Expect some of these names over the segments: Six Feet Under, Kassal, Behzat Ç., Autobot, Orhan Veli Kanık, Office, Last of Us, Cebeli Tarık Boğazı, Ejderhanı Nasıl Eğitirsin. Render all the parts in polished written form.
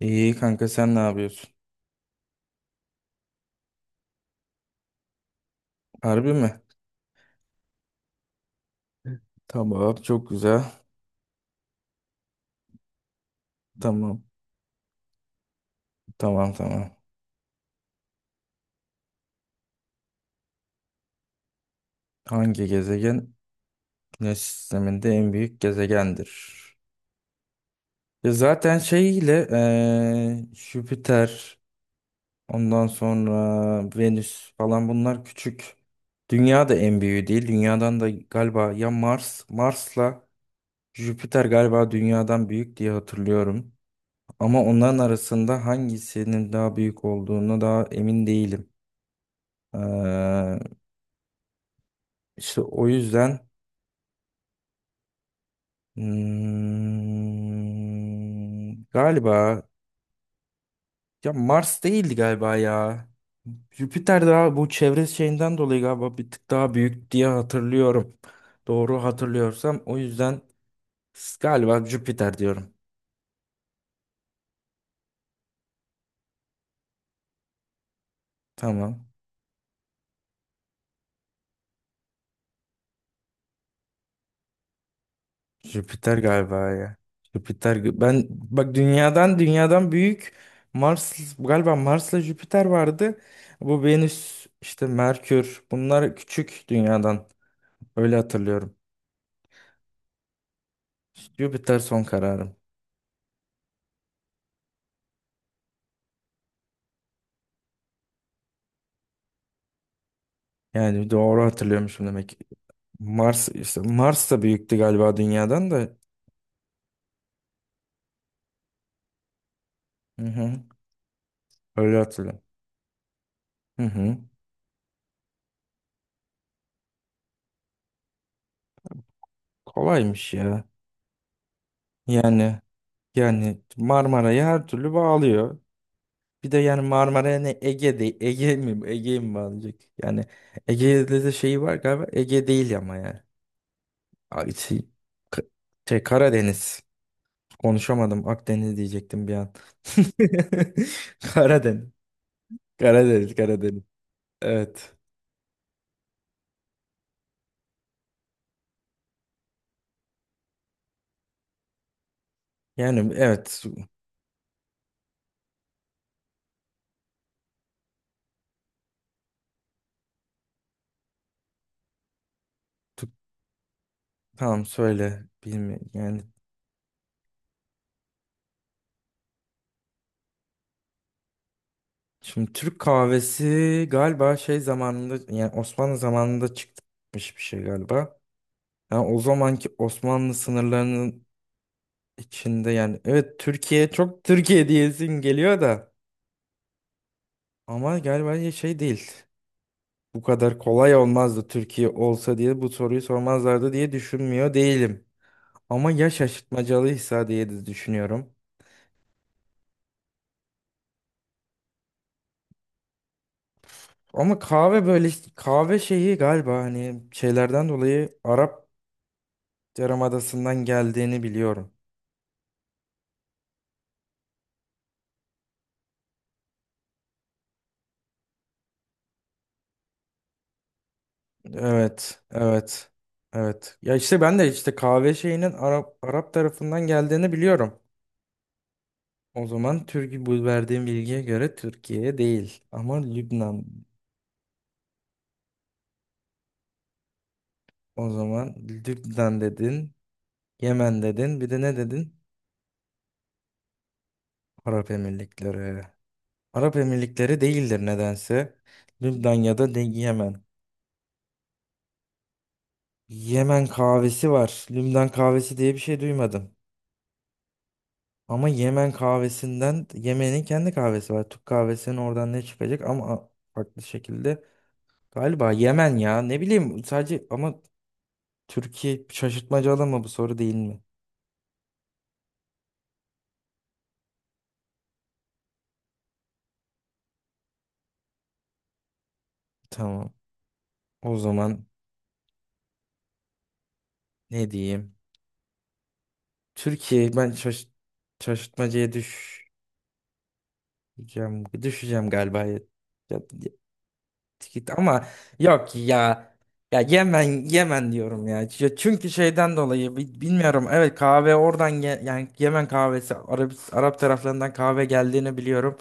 İyi kanka, sen ne yapıyorsun? Harbi mi? Tamam, çok güzel. Tamam tamam tamam. Hangi gezegen Güneş sisteminde en büyük gezegendir? Ya zaten şey ile Jüpiter, ondan sonra Venüs falan, bunlar küçük. Dünya da en büyüğü değil. Dünyadan da galiba ya Mars'la Jüpiter galiba dünyadan büyük diye hatırlıyorum. Ama onların arasında hangisinin daha büyük olduğunu daha emin değilim. Ee, işte o yüzden galiba ya Mars değildi galiba ya. Jüpiter daha bu çevre şeyinden dolayı galiba bir tık daha büyük diye hatırlıyorum. Doğru hatırlıyorsam o yüzden galiba Jüpiter diyorum. Tamam. Jüpiter galiba ya. Jüpiter, ben bak dünyadan büyük, Mars galiba Mars'la Jüpiter vardı. Bu Venüs işte Merkür, bunlar küçük dünyadan. Öyle hatırlıyorum. Jüpiter son kararım. Yani doğru hatırlıyormuşum demek ki. Mars işte Mars da büyüktü galiba dünyadan da. Hı hı. Öyle hatırlıyorum. Hı hı. Kolaymış ya. Yani yani Marmara'yı her türlü bağlıyor. Bir de yani Marmara'ya ne, Ege değil. Ege mi? Ege'yi mi bağlayacak? Yani Ege'de de şeyi var galiba. Ege değil ama yani. Ay, şey, K- şey, Karadeniz. Konuşamadım. Akdeniz diyecektim bir an. Karadeniz. Karadeniz, Karadeniz. Evet. Yani evet. Tu- Tamam söyle. Bilmiyorum. Yani şimdi Türk kahvesi galiba şey zamanında, yani Osmanlı zamanında çıkmış bir şey galiba. Yani o zamanki Osmanlı sınırlarının içinde, yani evet Türkiye, çok Türkiye diyesin geliyor da ama galiba ya şey değil. Bu kadar kolay olmazdı, Türkiye olsa diye bu soruyu sormazlardı diye düşünmüyor değilim. Ama ya şaşırtmacalıysa diye de düşünüyorum. Ama kahve böyle işte, kahve şeyi galiba hani şeylerden dolayı Arap Yarımadası'ndan geldiğini biliyorum. Evet, evet. Ya işte ben de işte kahve şeyinin Arap tarafından geldiğini biliyorum. O zaman Türkiye, bu verdiğim bilgiye göre Türkiye değil. Ama Lübnan. O zaman Lübnan dedin, Yemen dedin, bir de ne dedin? Arap Emirlikleri. Arap Emirlikleri değildir nedense. Lübnan ya da Yemen. Yemen kahvesi var. Lümden kahvesi diye bir şey duymadım. Ama Yemen kahvesinden, Yemen'in kendi kahvesi var. Türk kahvesinin oradan ne çıkacak ama farklı şekilde. Galiba Yemen ya, ne bileyim sadece ama Türkiye, şaşırtmacalı mı bu soru değil mi? Tamam. O zaman ne diyeyim? Türkiye, ben şaşırtmacaya düşeceğim. Düşeceğim galiba. Ya, git ama yok ya. Ya Yemen diyorum ya. Çünkü şeyden dolayı bilmiyorum. Evet kahve oradan yani Yemen kahvesi, Arap taraflarından kahve geldiğini biliyorum.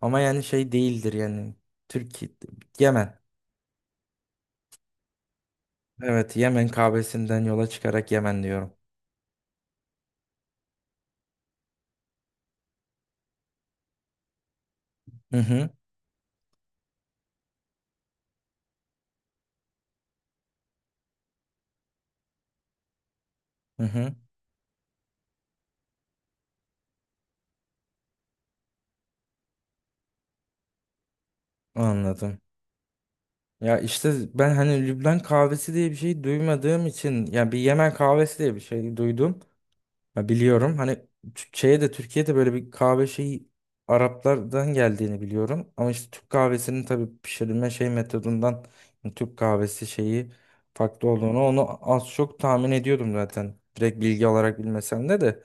Ama yani şey değildir yani. Türkiye. Yemen. Evet Yemen kahvesinden yola çıkarak Yemen diyorum. Hı hı, hı hı, anladım. Ya işte ben hani Lübnan kahvesi diye bir şey duymadığım için, ya bir Yemen kahvesi diye bir şey duydum. Ya biliyorum hani Tü- de Türkiye'de böyle bir kahve şeyi Araplardan geldiğini biliyorum. Ama işte Türk kahvesinin tabii pişirilme şey metodundan, yani Türk kahvesi şeyi farklı olduğunu, onu az çok tahmin ediyordum zaten. Direkt bilgi olarak bilmesem de.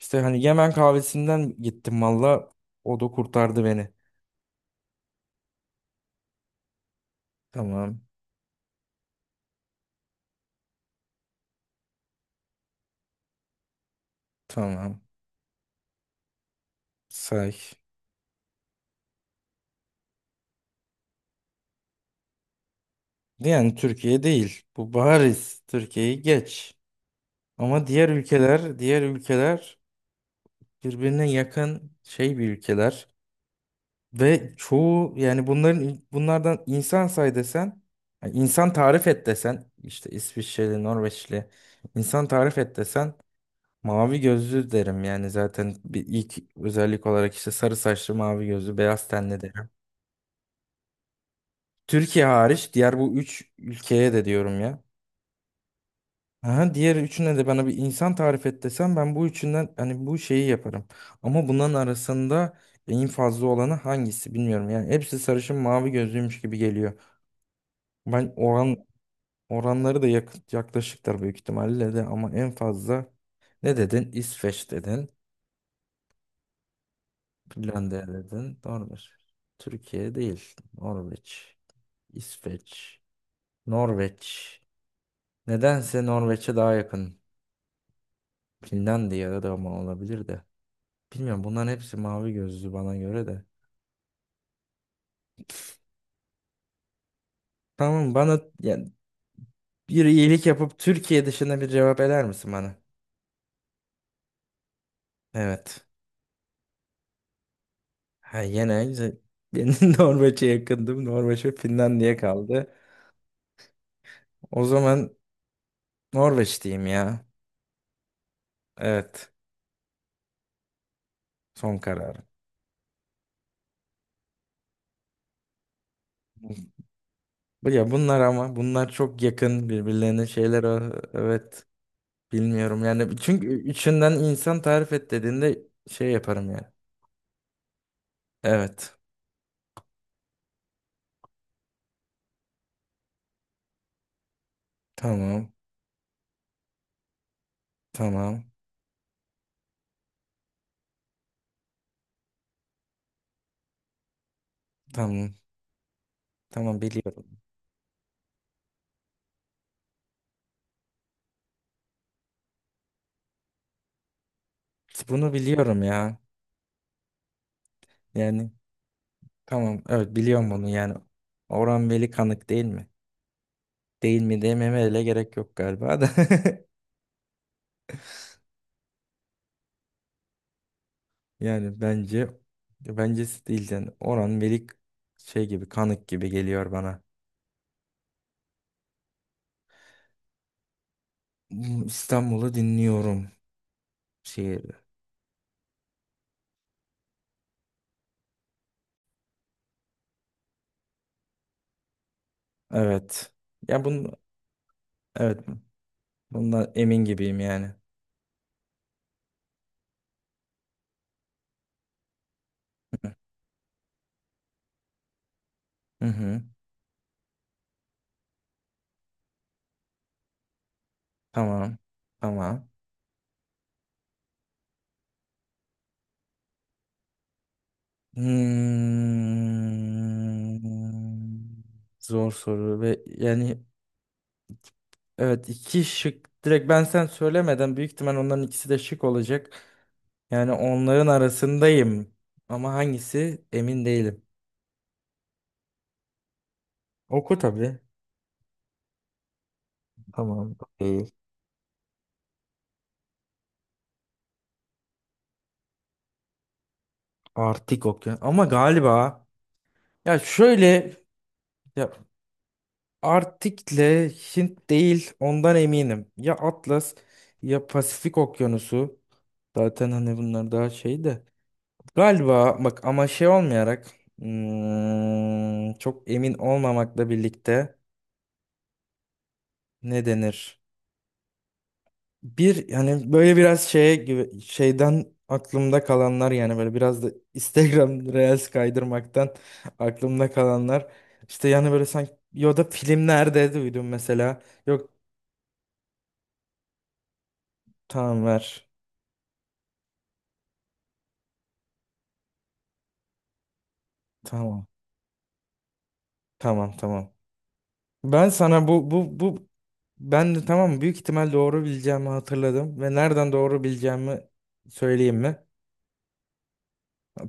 İşte hani Yemen kahvesinden gittim, valla o da kurtardı beni. Tamam tamam say. Yani Türkiye değil bu, bariz Türkiye'yi geç. Ama diğer ülkeler birbirine yakın şey, bir ülkeler ve çoğu yani bunlardan insan say desen, yani insan tarif et desen işte İsviçreli, Norveçli insan tarif et desen mavi gözlü derim, yani zaten bir ilk özellik olarak işte sarı saçlı, mavi gözlü, beyaz tenli derim. Türkiye hariç diğer bu üç ülkeye de diyorum ya. Aha, diğer üçüne de, bana bir insan tarif et desem ben bu üçünden hani bu şeyi yaparım. Ama bunların arasında en fazla olanı hangisi bilmiyorum. Yani hepsi sarışın mavi gözlüymüş gibi geliyor. Ben oranları da yaklaşıktır büyük ihtimalle de ama en fazla, ne dedin? İsveç dedin. Finlandiya dedin. Norveç. Türkiye değil. Norveç. İsveç. Norveç. Nedense Norveç'e daha yakın. Finlandiya da ama olabilir de. Bilmiyorum, bunların hepsi mavi gözlü bana göre de. Tamam, bana yani bir iyilik yapıp Türkiye dışında bir cevap eder misin bana? Evet. Ha yine güzel. Ben Norveç'e yakındım. Norveç ve Finlandiya kaldı. O zaman Norveç diyeyim ya. Evet. Son kararım. Bu ya, bunlar ama bunlar çok yakın birbirlerine şeyler. Evet. Bilmiyorum yani. Çünkü üçünden insan tarif et dediğinde şey yaparım yani. Evet. Tamam. Tamam. Tamam. Tamam, biliyorum. Bunu biliyorum ya. Yani tamam, evet biliyorum bunu yani. Orhan Veli Kanık değil mi? Değil mi dememe bile gerek yok galiba da. Yani bence, bencesi değil yani. Orhan Veli, şey gibi, Kanık gibi geliyor bana. İstanbul'u dinliyorum şiir. Evet. Ya bunu, evet bundan emin gibiyim yani. Hı hı. Tamam. Tamam. Hmm, zor soru ve yani evet, iki şık. Direkt ben, sen söylemeden büyük ihtimal onların ikisi de şık olacak. Yani onların arasındayım. Ama hangisi emin değilim. Oku tabii. Tamam, okey. Artık okey. Ama galiba ya şöyle, ya Arktik'le, Hint değil ondan eminim. Ya Atlas, ya Pasifik Okyanusu. Zaten hani bunlar daha şey de. Galiba bak ama şey olmayarak, çok emin olmamakla birlikte ne denir? Bir, yani böyle biraz şeye gibi şeyden aklımda kalanlar, yani böyle biraz da Instagram Reels kaydırmaktan aklımda kalanlar. İşte yani böyle sanki, ya da filmlerde duydum mesela. Yok, tamam ver. Tamam. Tamam. Ben sana bu bu bu ben de tamam, büyük ihtimal doğru bileceğimi hatırladım ve nereden doğru bileceğimi söyleyeyim mi?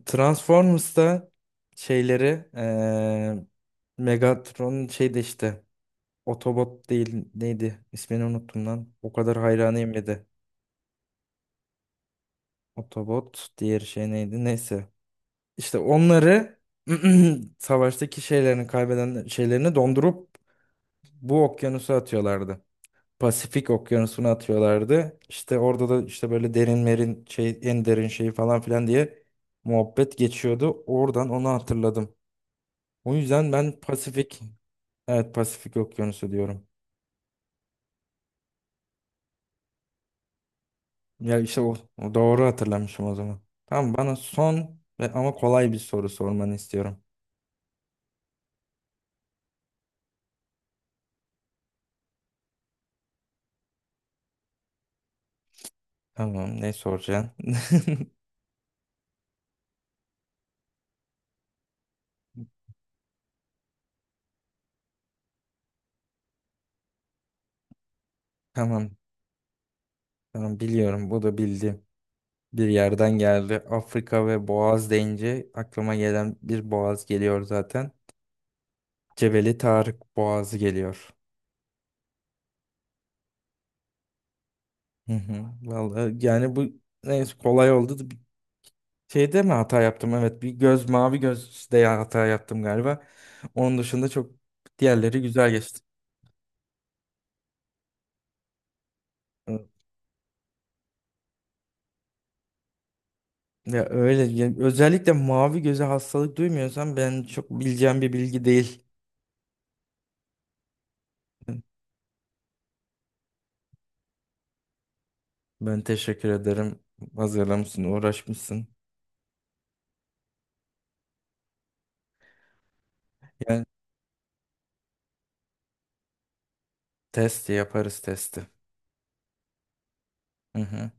Transformers'ta şeyleri Megatron'un şeyde işte Autobot değil neydi? İsmini unuttum lan. O kadar hayranıyım bir de. Autobot diğer şey neydi? Neyse. İşte onları savaştaki şeylerini kaybeden şeylerini dondurup bu okyanusa atıyorlardı. Pasifik okyanusuna atıyorlardı. İşte orada da işte böyle derin merin şey, en derin şeyi falan filan diye muhabbet geçiyordu. Oradan onu hatırladım. O yüzden ben Pasifik, evet Pasifik Okyanusu diyorum. Ya işte o, o doğru hatırlamışım o zaman. Tamam, bana son ve ama kolay bir soru sormanı istiyorum. Tamam, ne soracaksın? Tamam tamam biliyorum, bu da bildim. Bir yerden geldi. Afrika ve Boğaz deyince aklıma gelen bir boğaz geliyor zaten. Cebeli Tarık Boğazı geliyor. Hı hı. Vallahi yani bu, neyse kolay oldu. Şeyde mi hata yaptım? Evet bir göz, mavi gözde ya hata yaptım galiba. Onun dışında çok, diğerleri güzel geçti. Hı. Ya öyle ya, özellikle mavi göze hastalık duymuyorsan ben çok bileceğim bir bilgi değil. Ben teşekkür ederim. Hazırlamışsın, uğraşmışsın. Yani testi yaparız, testi. Hı hı.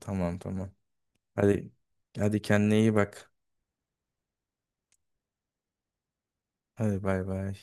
Tamam. Hadi hadi kendine iyi bak. Hadi bay bay.